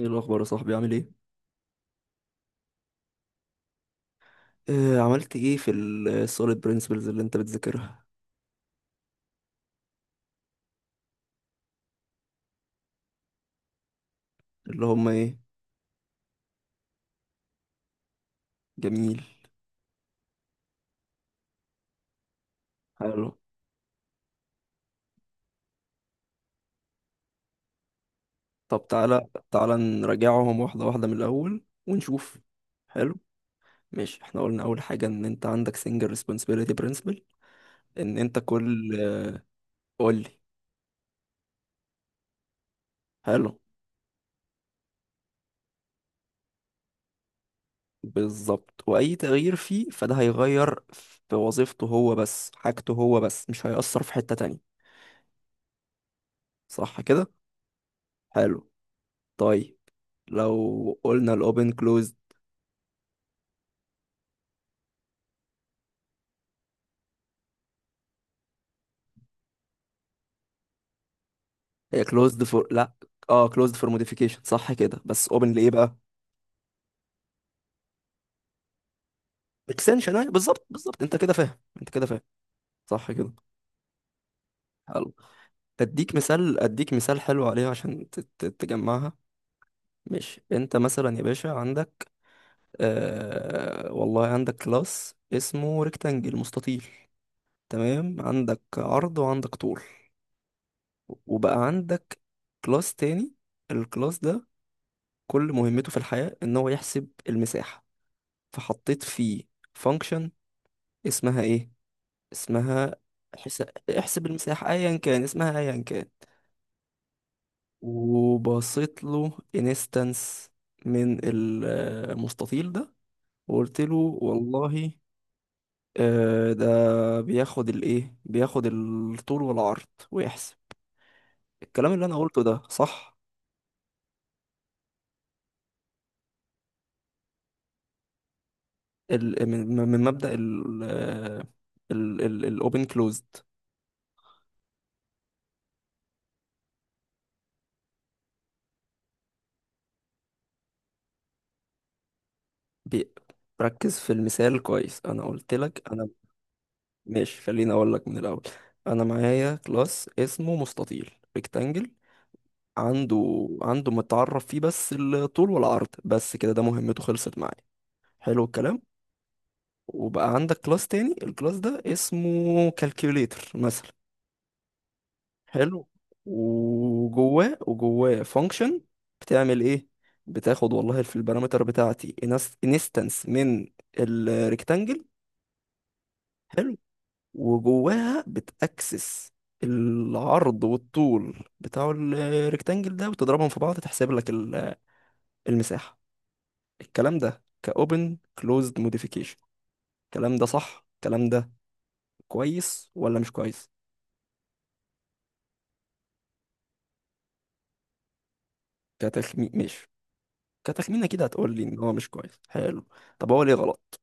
ايه الاخبار يا صاحبي؟ عامل ايه؟ آه، عملت ايه في السوليد برينسيبلز اللي انت بتذاكرها؟ اللي هم ايه؟ جميل. حلو. طب تعالى تعالى نراجعهم واحده واحده من الاول ونشوف. حلو. ماشي، احنا قلنا اول حاجه ان انت عندك سنجل ريسبونسبيلتي برينسيبل، ان انت كل... قول لي. حلو. بالظبط، واي تغيير فيه فده هيغير في وظيفته هو بس، حاجته هو بس، مش هيأثر في حته تانية. صح كده. حلو. طيب، لو قلنا الاوبن close، هي كلوزد فور لا... اه، كلوزد فور موديفيكيشن، صح كده، بس اوبن لايه بقى؟ اكستنشن، ايوه بالظبط بالظبط، انت كده فاهم، انت كده فاهم. صح كده. حلو. اديك مثال، اديك مثال حلو عليها عشان تجمعها. ماشي، انت مثلا يا باشا عندك... والله عندك كلاس اسمه ريكتانجل، مستطيل. تمام، عندك عرض وعندك طول. وبقى عندك كلاس تاني، الكلاس ده كل مهمته في الحياة ان هو يحسب المساحة، فحطيت فيه function اسمها ايه، اسمها... حس... احسب المساحة، ايا كان اسمها، ايا كان. وبصيت له انستنس من المستطيل ده، وقلت له والله ده بياخد الايه، بياخد الطول والعرض ويحسب. الكلام اللي انا قلته ده صح؟ من مبدأ الاوبن كلوزد. بركز في المثال كويس، انا قلت لك. ماشي، خليني اقول لك من الاول. انا معايا كلاس اسمه مستطيل، ريكتانجل، عنده عنده متعرف فيه بس الطول والعرض، بس كده، ده مهمته خلصت معايا. حلو الكلام. وبقى عندك كلاس تاني، الكلاس ده اسمه كالكوليتر مثلا. حلو. وجواه فانكشن بتعمل ايه، بتاخد والله في البارامتر بتاعتي انستنس من الريكتانجل، وجواها بتأكسس العرض والطول بتاع الريكتانجل ده، وتضربهم في بعض تحسب لك المساحة. الكلام ده كأوبن كلوزد موديفيكيشن، الكلام ده صح؟ الكلام ده كويس ولا مش كويس؟ كتخمين، مش كتخمين، كده هتقول لي ان هو مش كويس. حلو، طب هو ليه غلط؟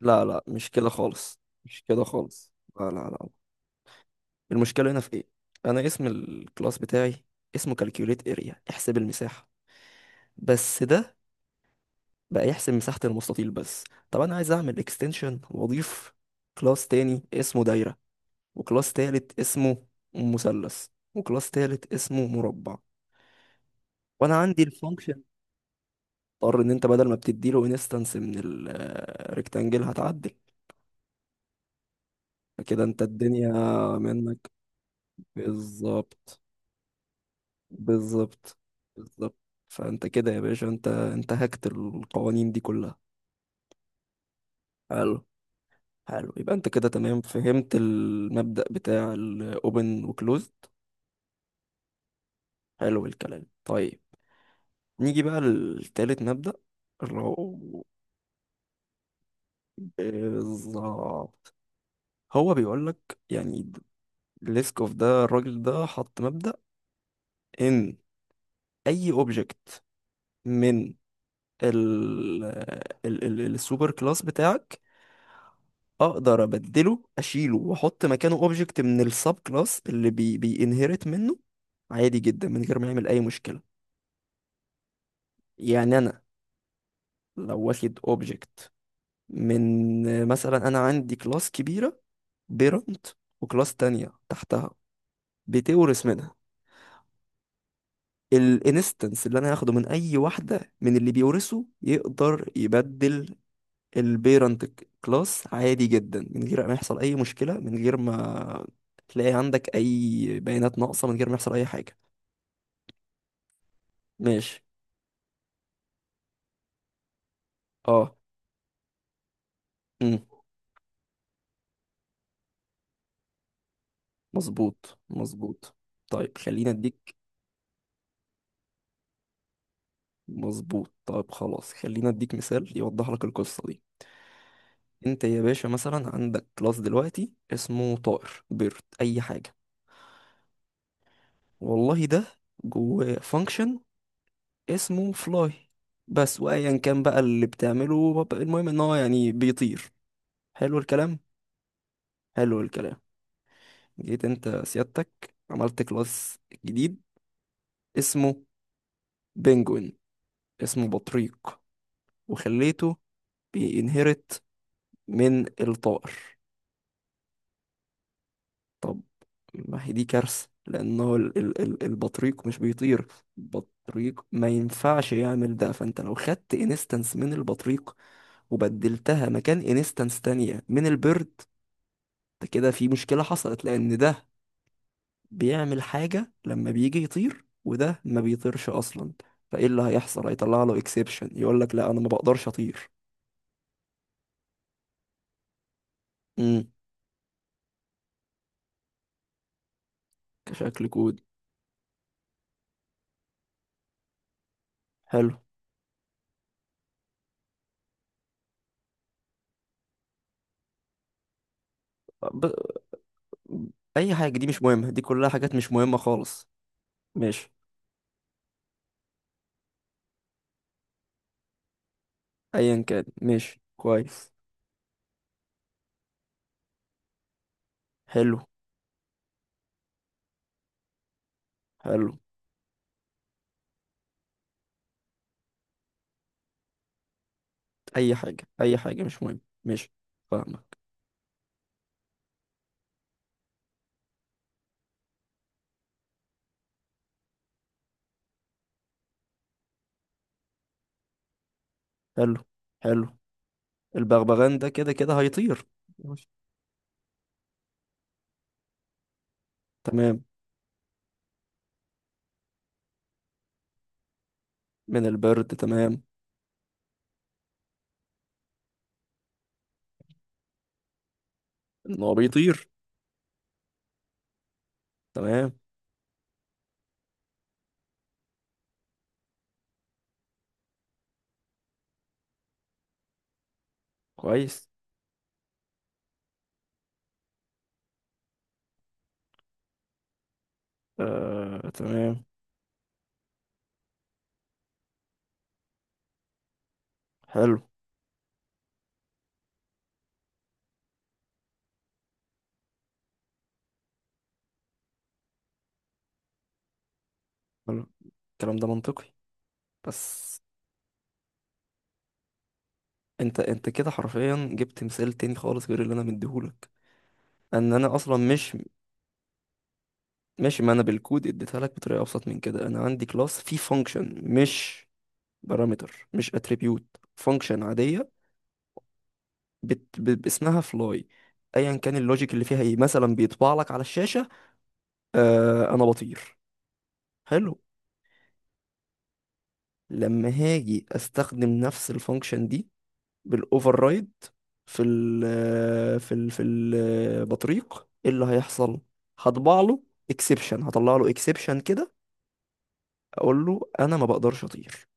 لا لا، مش كده خالص، مش كده خالص، لا لا لا. المشكلة هنا في ايه؟ انا اسم الكلاس بتاعي اسمه كالكيوليت اريا، احسب المساحة، بس ده بقى يحسب مساحة المستطيل بس. طب أنا عايز أعمل اكستنشن وأضيف كلاس تاني اسمه دايرة، وكلاس تالت اسمه مثلث، وكلاس تالت اسمه مربع، وأنا عندي الفانكشن، اضطر إن أنت بدل ما بتديله انستنس من الريكتانجل هتعدل. فكده أنت الدنيا منك. بالظبط، بالظبط، بالظبط. فأنت كده يا باشا، أنت هكت القوانين دي كلها. حلو. حلو، يبقى انت كده تمام، فهمت المبدأ بتاع الاوبن وكلوزد. حلو الكلام. طيب، نيجي بقى لتالت مبدأ، اللي هو... بالظبط. هو بيقول لك يعني، ليسكوف ده، الراجل ده حط مبدأ ان اي اوبجكت من ال ال السوبر كلاس بتاعك، اقدر ابدله، اشيله واحط مكانه اوبجكت من السب كلاس اللي بي بينهرت منه، عادي جدا من غير ما يعمل اي مشكلة. يعني انا لو واخد اوبجكت من... مثلا انا عندي كلاس كبيره، بيرنت، وكلاس تانية تحتها بتورث منها، الانستنس اللي انا هاخده من اي واحده من اللي بيورثه يقدر يبدل البيرنت كلاس، عادي جدا، من غير ما يحصل اي مشكله، من غير ما تلاقي عندك اي بيانات ناقصه، من غير ما يحصل اي حاجه. ماشي. اه. امم مظبوط مظبوط. طيب، خلينا اديك... مظبوط. طيب خلاص، خلينا اديك مثال يوضح لك القصه دي. انت يا باشا مثلا عندك كلاس دلوقتي اسمه طائر، بيرد، اي حاجه، والله ده جواه فانكشن اسمه فلاي بس، وايا كان بقى اللي المهم ان هو يعني بيطير. حلو الكلام. حلو الكلام. جيت انت سيادتك عملت كلاس جديد اسمه بنجوين، اسمه بطريق، وخليته بينهرت من الطائر. طب ما هي دي كارثة، لأنه البطريق مش بيطير. البطريق ما ينفعش يعمل ده، فأنت لو خدت انستنس من البطريق وبدلتها مكان انستنس تانية من البرد، ده كده في مشكلة حصلت، لأن ده بيعمل حاجة لما بيجي يطير، وده ما بيطيرش أصلا. فإيه اللي هيحصل؟ هيطلع له اكسبشن، يقول لك لا أنا ما بقدرش أطير. امم. كشكل كود. حلو. ب... أي حاجة، دي مش مهمة، دي كلها حاجات مش مهمة خالص. ماشي. ايا كان، ماشي، كويس. حلو. حلو. اي حاجه، اي حاجه، مش مهم، ماشي. فاهمك. حلو. حلو. البغبغان ده كده كده هيطير. ماشي. تمام. من البرد، تمام. ان هو بيطير، تمام، كويس. آه تمام. حلو. حلو، الكلام ده منطقي، بس... انت كده حرفيا جبت مثال تاني خالص غير اللي انا مديهولك. ان انا اصلا مش... مش، ما انا بالكود اديتها لك بطريقه ابسط من كده. انا عندي كلاس فيه فانكشن، مش بارامتر، مش اتريبيوت، فانكشن عاديه، باسمها فلاي، ايا كان اللوجيك اللي فيها ايه، مثلا بيطبع لك على الشاشه آه انا بطير. حلو. لما هاجي استخدم نفس الفانكشن دي بالاوفر رايد في ال في البطريق، ايه اللي هيحصل؟ هطبع له اكسبشن، هطلع له اكسبشن كده، اقول له انا ما بقدرش اطير.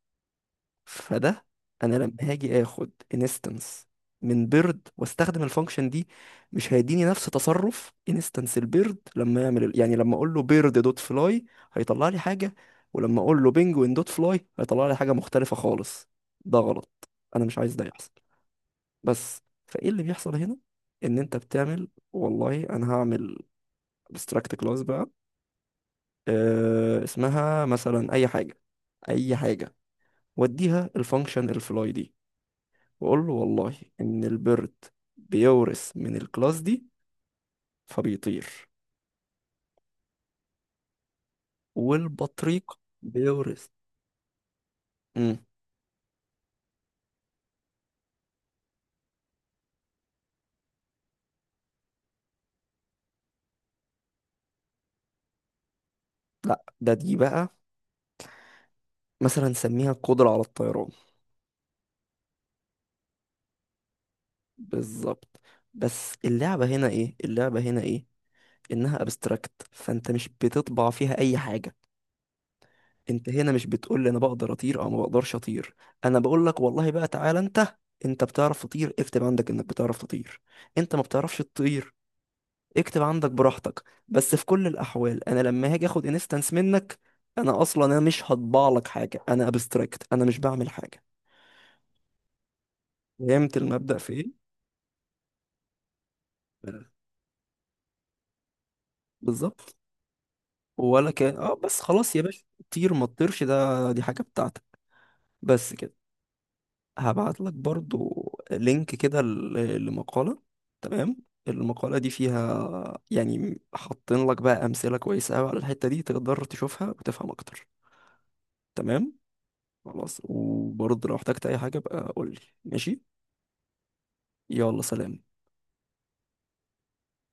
فده... انا لما هاجي اخد انستنس من بيرد واستخدم الفانكشن دي، مش هيديني نفس تصرف انستنس البيرد لما يعمل يعني لما اقول له بيرد دوت فلاي هيطلع لي حاجه، ولما اقول له بينجوين دوت فلاي هيطلع لي حاجه مختلفه خالص. ده غلط، انا مش عايز ده يحصل. بس فايه اللي بيحصل هنا؟ ان انت بتعمل والله انا هعمل ابستراكت كلاس بقى، أه اسمها مثلا اي حاجه، اي حاجه، واديها الفانكشن الفلاي دي، وقول له والله إن البرد بيورث من الكلاس دي فبيطير، والبطريق بيورث... مم. لا، دي بقى مثلا سميها القدرة على الطيران. بالظبط. بس اللعبة هنا ايه، اللعبة هنا ايه، انها ابستراكت، فانت مش بتطبع فيها اي حاجة. انت هنا مش بتقول لي انا بقدر اطير او ما بقدرش اطير، انا بقول لك والله بقى تعالى انت، انت بتعرف تطير اكتب عندك انك بتعرف تطير، انت ما بتعرفش تطير اكتب عندك براحتك. بس في كل الاحوال انا لما هاجي اخد انستنس منك، انا اصلا مش هطبع لك حاجه، انا ابستراكت، انا مش بعمل حاجه. فهمت المبدأ في ايه؟ بالظبط. ولا كان اه بس خلاص يا باشا، طير ما تطيرش، ده دي حاجه بتاعتك، بس كده. هبعت لك برضو لينك كده لمقاله، تمام، المقاله دي فيها يعني حاطين لك بقى امثله كويسه قوي على الحته دي، تقدر تشوفها وتفهم اكتر. تمام. خلاص، وبرضه لو احتجت اي حاجة بقى قول لي. ماشي. يلا سلام.